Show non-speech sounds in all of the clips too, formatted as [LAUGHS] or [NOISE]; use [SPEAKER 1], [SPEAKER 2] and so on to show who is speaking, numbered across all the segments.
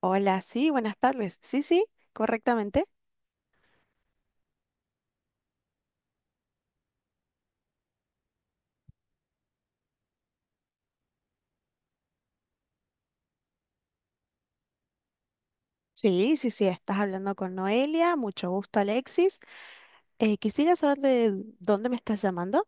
[SPEAKER 1] Hola, sí, buenas tardes. Sí, sí, correctamente. Sí, sí, sí, estás hablando con Noelia. Mucho gusto, Alexis. Quisiera saber de dónde me estás llamando.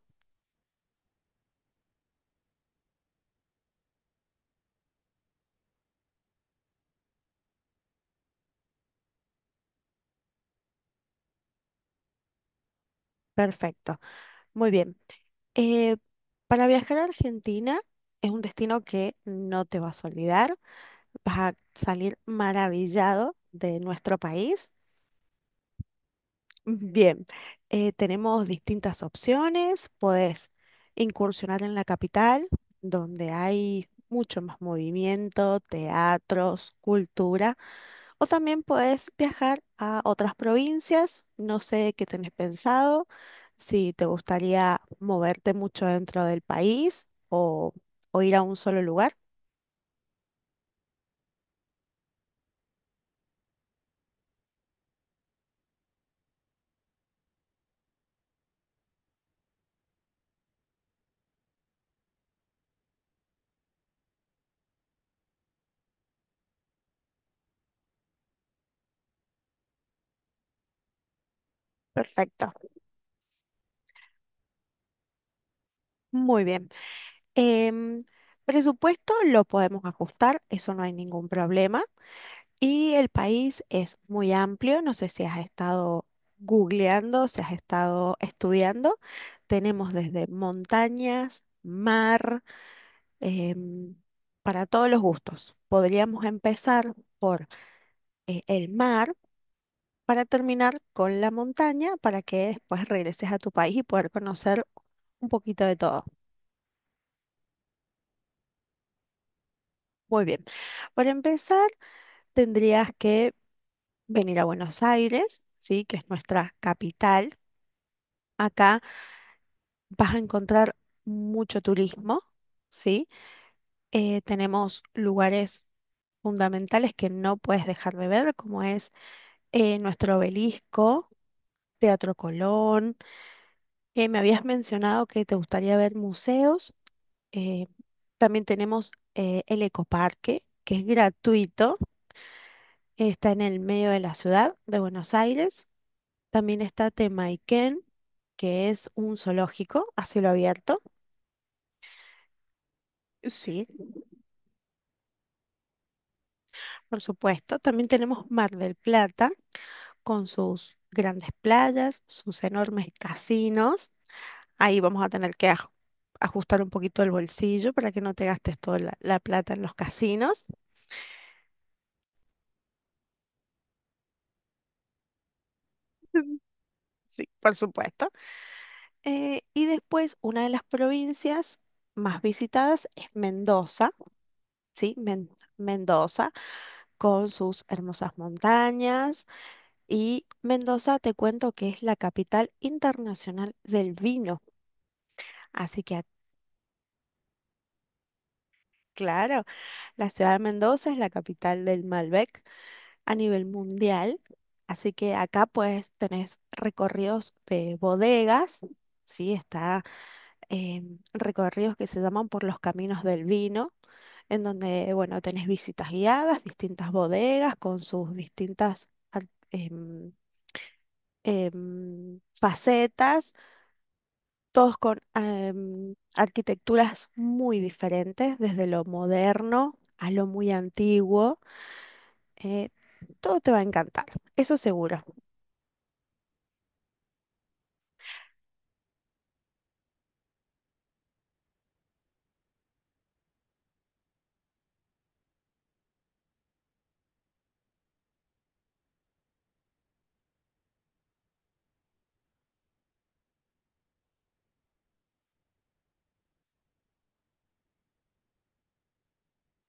[SPEAKER 1] Perfecto, muy bien. Eh, para viajar a Argentina es un destino que no te vas a olvidar. Vas a salir maravillado de nuestro país. Bien, tenemos distintas opciones. Podés incursionar en la capital, donde hay mucho más movimiento, teatros, cultura, o también podés viajar a otras provincias. No sé qué tenés pensado, si te gustaría moverte mucho dentro del país o ir a un solo lugar. Perfecto, muy bien. Em, presupuesto lo podemos ajustar, eso no hay ningún problema. Y el país es muy amplio, no sé si has estado googleando, si has estado estudiando. Tenemos desde montañas, mar, em, para todos los gustos. Podríamos empezar por el mar para terminar con la montaña para que después regreses a tu país y poder conocer un poquito de todo. Muy bien. Para empezar, tendrías que venir a Buenos Aires, ¿sí? Que es nuestra capital. Acá vas a encontrar mucho turismo, ¿sí? Tenemos lugares fundamentales que no puedes dejar de ver, como es nuestro obelisco, Teatro Colón. Me habías mencionado que te gustaría ver museos. eh, también tenemos el Ecoparque, que es gratuito, está en el medio de la ciudad de Buenos Aires. También está Temaiken, que es un zoológico a cielo abierto. Sí. Por supuesto, también tenemos Mar del Plata con sus grandes playas, sus enormes casinos. Ahí vamos a tener que ajustar un poquito el bolsillo para que no te gastes toda la plata en los casinos. [LAUGHS] Sí, por supuesto. Y después, una de las provincias más visitadas es Mendoza, ¿sí? Mendoza, con sus hermosas montañas. Y Mendoza, te cuento que es la capital internacional del vino. Así que claro, la ciudad de Mendoza es la capital del Malbec a nivel mundial, así que acá pues tenés recorridos de bodegas, sí, está eh, recorridos que se llaman por los caminos del vino, en donde, bueno, tenés visitas guiadas, distintas bodegas con sus distintas em, facetas, todos con arquitecturas muy diferentes, desde lo moderno a lo muy antiguo. Eh, todo te va a encantar, eso seguro.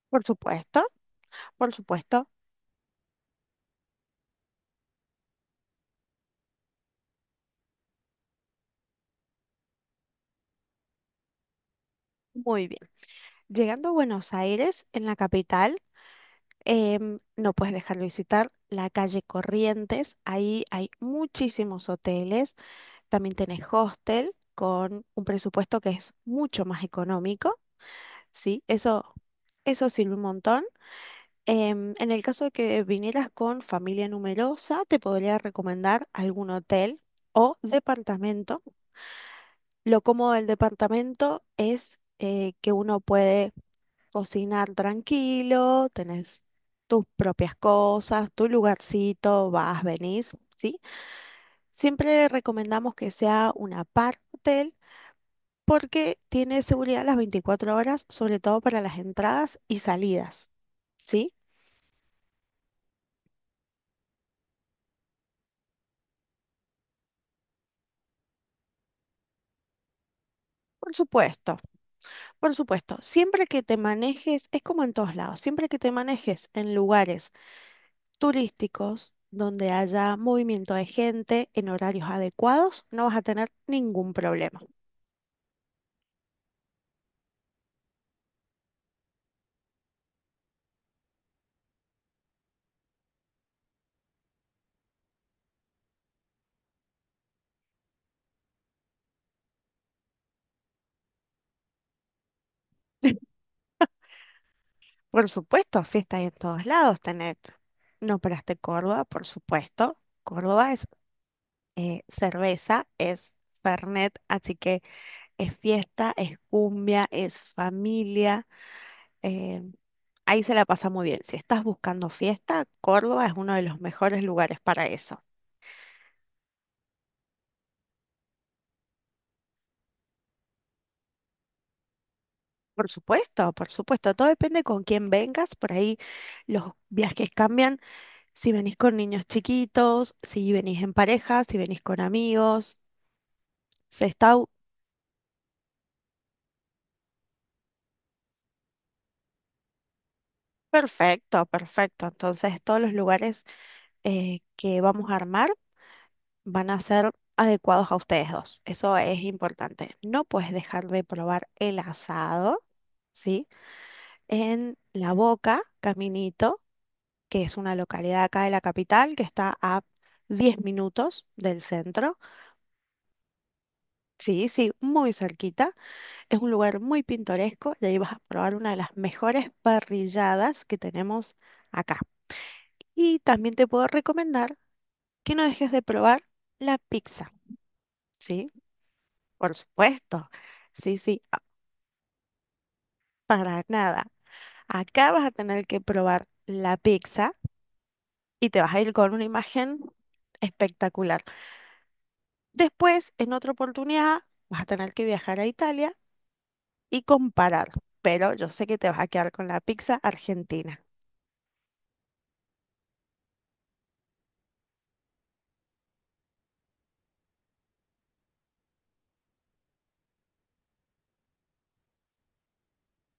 [SPEAKER 1] Por supuesto, por supuesto. Muy bien. Llegando a Buenos Aires, en la capital, no puedes dejar de visitar la calle Corrientes. Ahí hay muchísimos hoteles. También tenés hostel con un presupuesto que es mucho más económico. Sí, eso sirve un montón. En el caso de que vinieras con familia numerosa, te podría recomendar algún hotel o departamento. Lo cómodo del departamento es que uno puede cocinar tranquilo, tenés tus propias cosas, tu lugarcito, vas, venís, ¿sí? Siempre recomendamos que sea una parte porque tiene seguridad las 24 horas, sobre todo para las entradas y salidas, ¿sí? Por supuesto, por supuesto. Siempre que te manejes, es como en todos lados, siempre que te manejes en lugares turísticos donde haya movimiento de gente en horarios adecuados, no vas a tener ningún problema. [LAUGHS] Por supuesto, fiestas en todos lados tenés. No operaste Córdoba, por supuesto. Córdoba es cerveza, es Fernet, así que es fiesta, es cumbia, es familia. eh, ahí se la pasa muy bien. Si estás buscando fiesta, Córdoba es uno de los mejores lugares para eso. Por supuesto, todo depende con quién vengas, por ahí los viajes cambian, si venís con niños chiquitos, si venís en pareja, si venís con amigos, se está u- perfecto, perfecto. Entonces todos los lugares que vamos a armar van a ser adecuados a ustedes dos, eso es importante. No puedes dejar de probar el asado, ¿sí? En La Boca, Caminito, que es una localidad acá de la capital que está a 10 minutos del centro. Sí, sí, muy cerquita. Es un lugar muy pintoresco y ahí vas a probar una de las mejores parrilladas que tenemos acá. Y también te puedo recomendar que no dejes de probar la pizza, ¿sí? Por supuesto. Sí, sí, para nada. Acá vas a tener que probar la pizza y te vas a ir con una imagen espectacular. Después, en otra oportunidad, vas a tener que viajar a Italia y comparar, pero yo sé que te vas a quedar con la pizza argentina.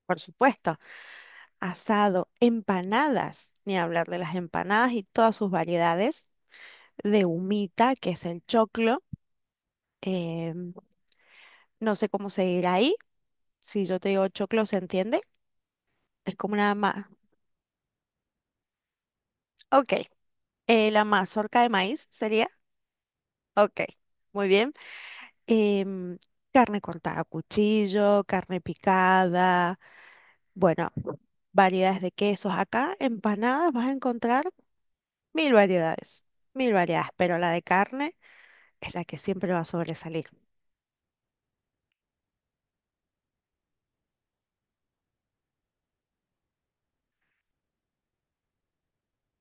[SPEAKER 1] Por supuesto, asado, empanadas, ni hablar de las empanadas y todas sus variedades, de humita, que es el choclo. em, no sé cómo se dirá ahí. Si yo te digo choclo, ¿se entiende? Es como una ma... Ok. Eh, la mazorca de maíz sería. Ok. Muy bien. em, carne cortada a cuchillo, carne picada. Bueno, variedades de quesos. Acá, empanadas, vas a encontrar mil variedades, mil variedades, pero la de carne es la que siempre va a sobresalir.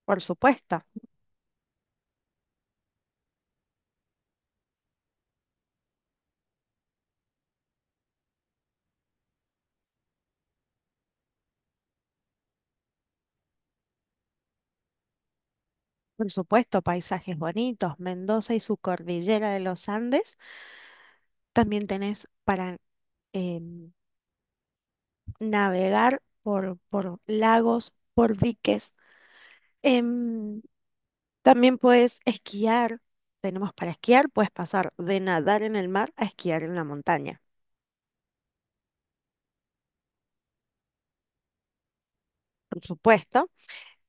[SPEAKER 1] Por supuesto, por supuesto, paisajes bonitos, Mendoza y su cordillera de los Andes. También tenés para em, navegar por lagos, por diques. Em, también puedes esquiar. Tenemos para esquiar, puedes pasar de nadar en el mar a esquiar en la montaña. Por supuesto.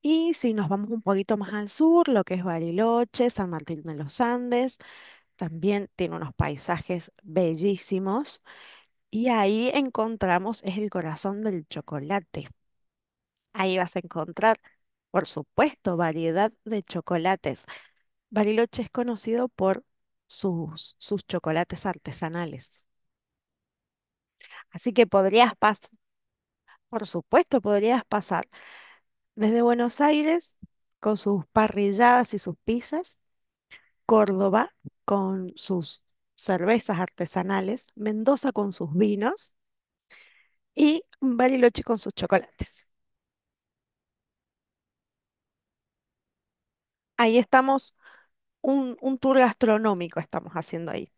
[SPEAKER 1] Y si nos vamos un poquito más al sur, lo que es Bariloche, San Martín de los Andes, también tiene unos paisajes bellísimos. Y ahí encontramos, es el corazón del chocolate. Ahí vas a encontrar, por supuesto, variedad de chocolates. Bariloche es conocido por sus chocolates artesanales. Así que podrías pasar, por supuesto, podrías pasar desde Buenos Aires con sus parrilladas y sus pizzas, Córdoba con sus cervezas artesanales, Mendoza con sus vinos y Bariloche con sus chocolates. Ahí estamos, un tour gastronómico estamos haciendo ahí.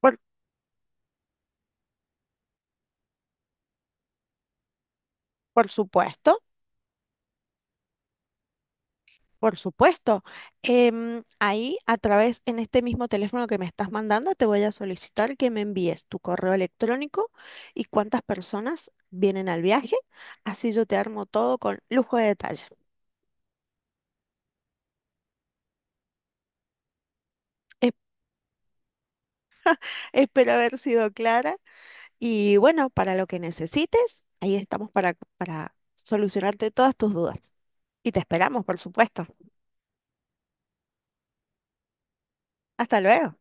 [SPEAKER 1] Por, por supuesto, por supuesto. Ahí a través, en este mismo teléfono que me estás mandando, te voy a solicitar que me envíes tu correo electrónico y cuántas personas vienen al viaje. Así yo te armo todo con lujo de detalle. Es- Espero haber sido clara. Y bueno, para lo que necesites, ahí estamos para solucionarte todas tus dudas. Y te esperamos, por supuesto. Hasta luego.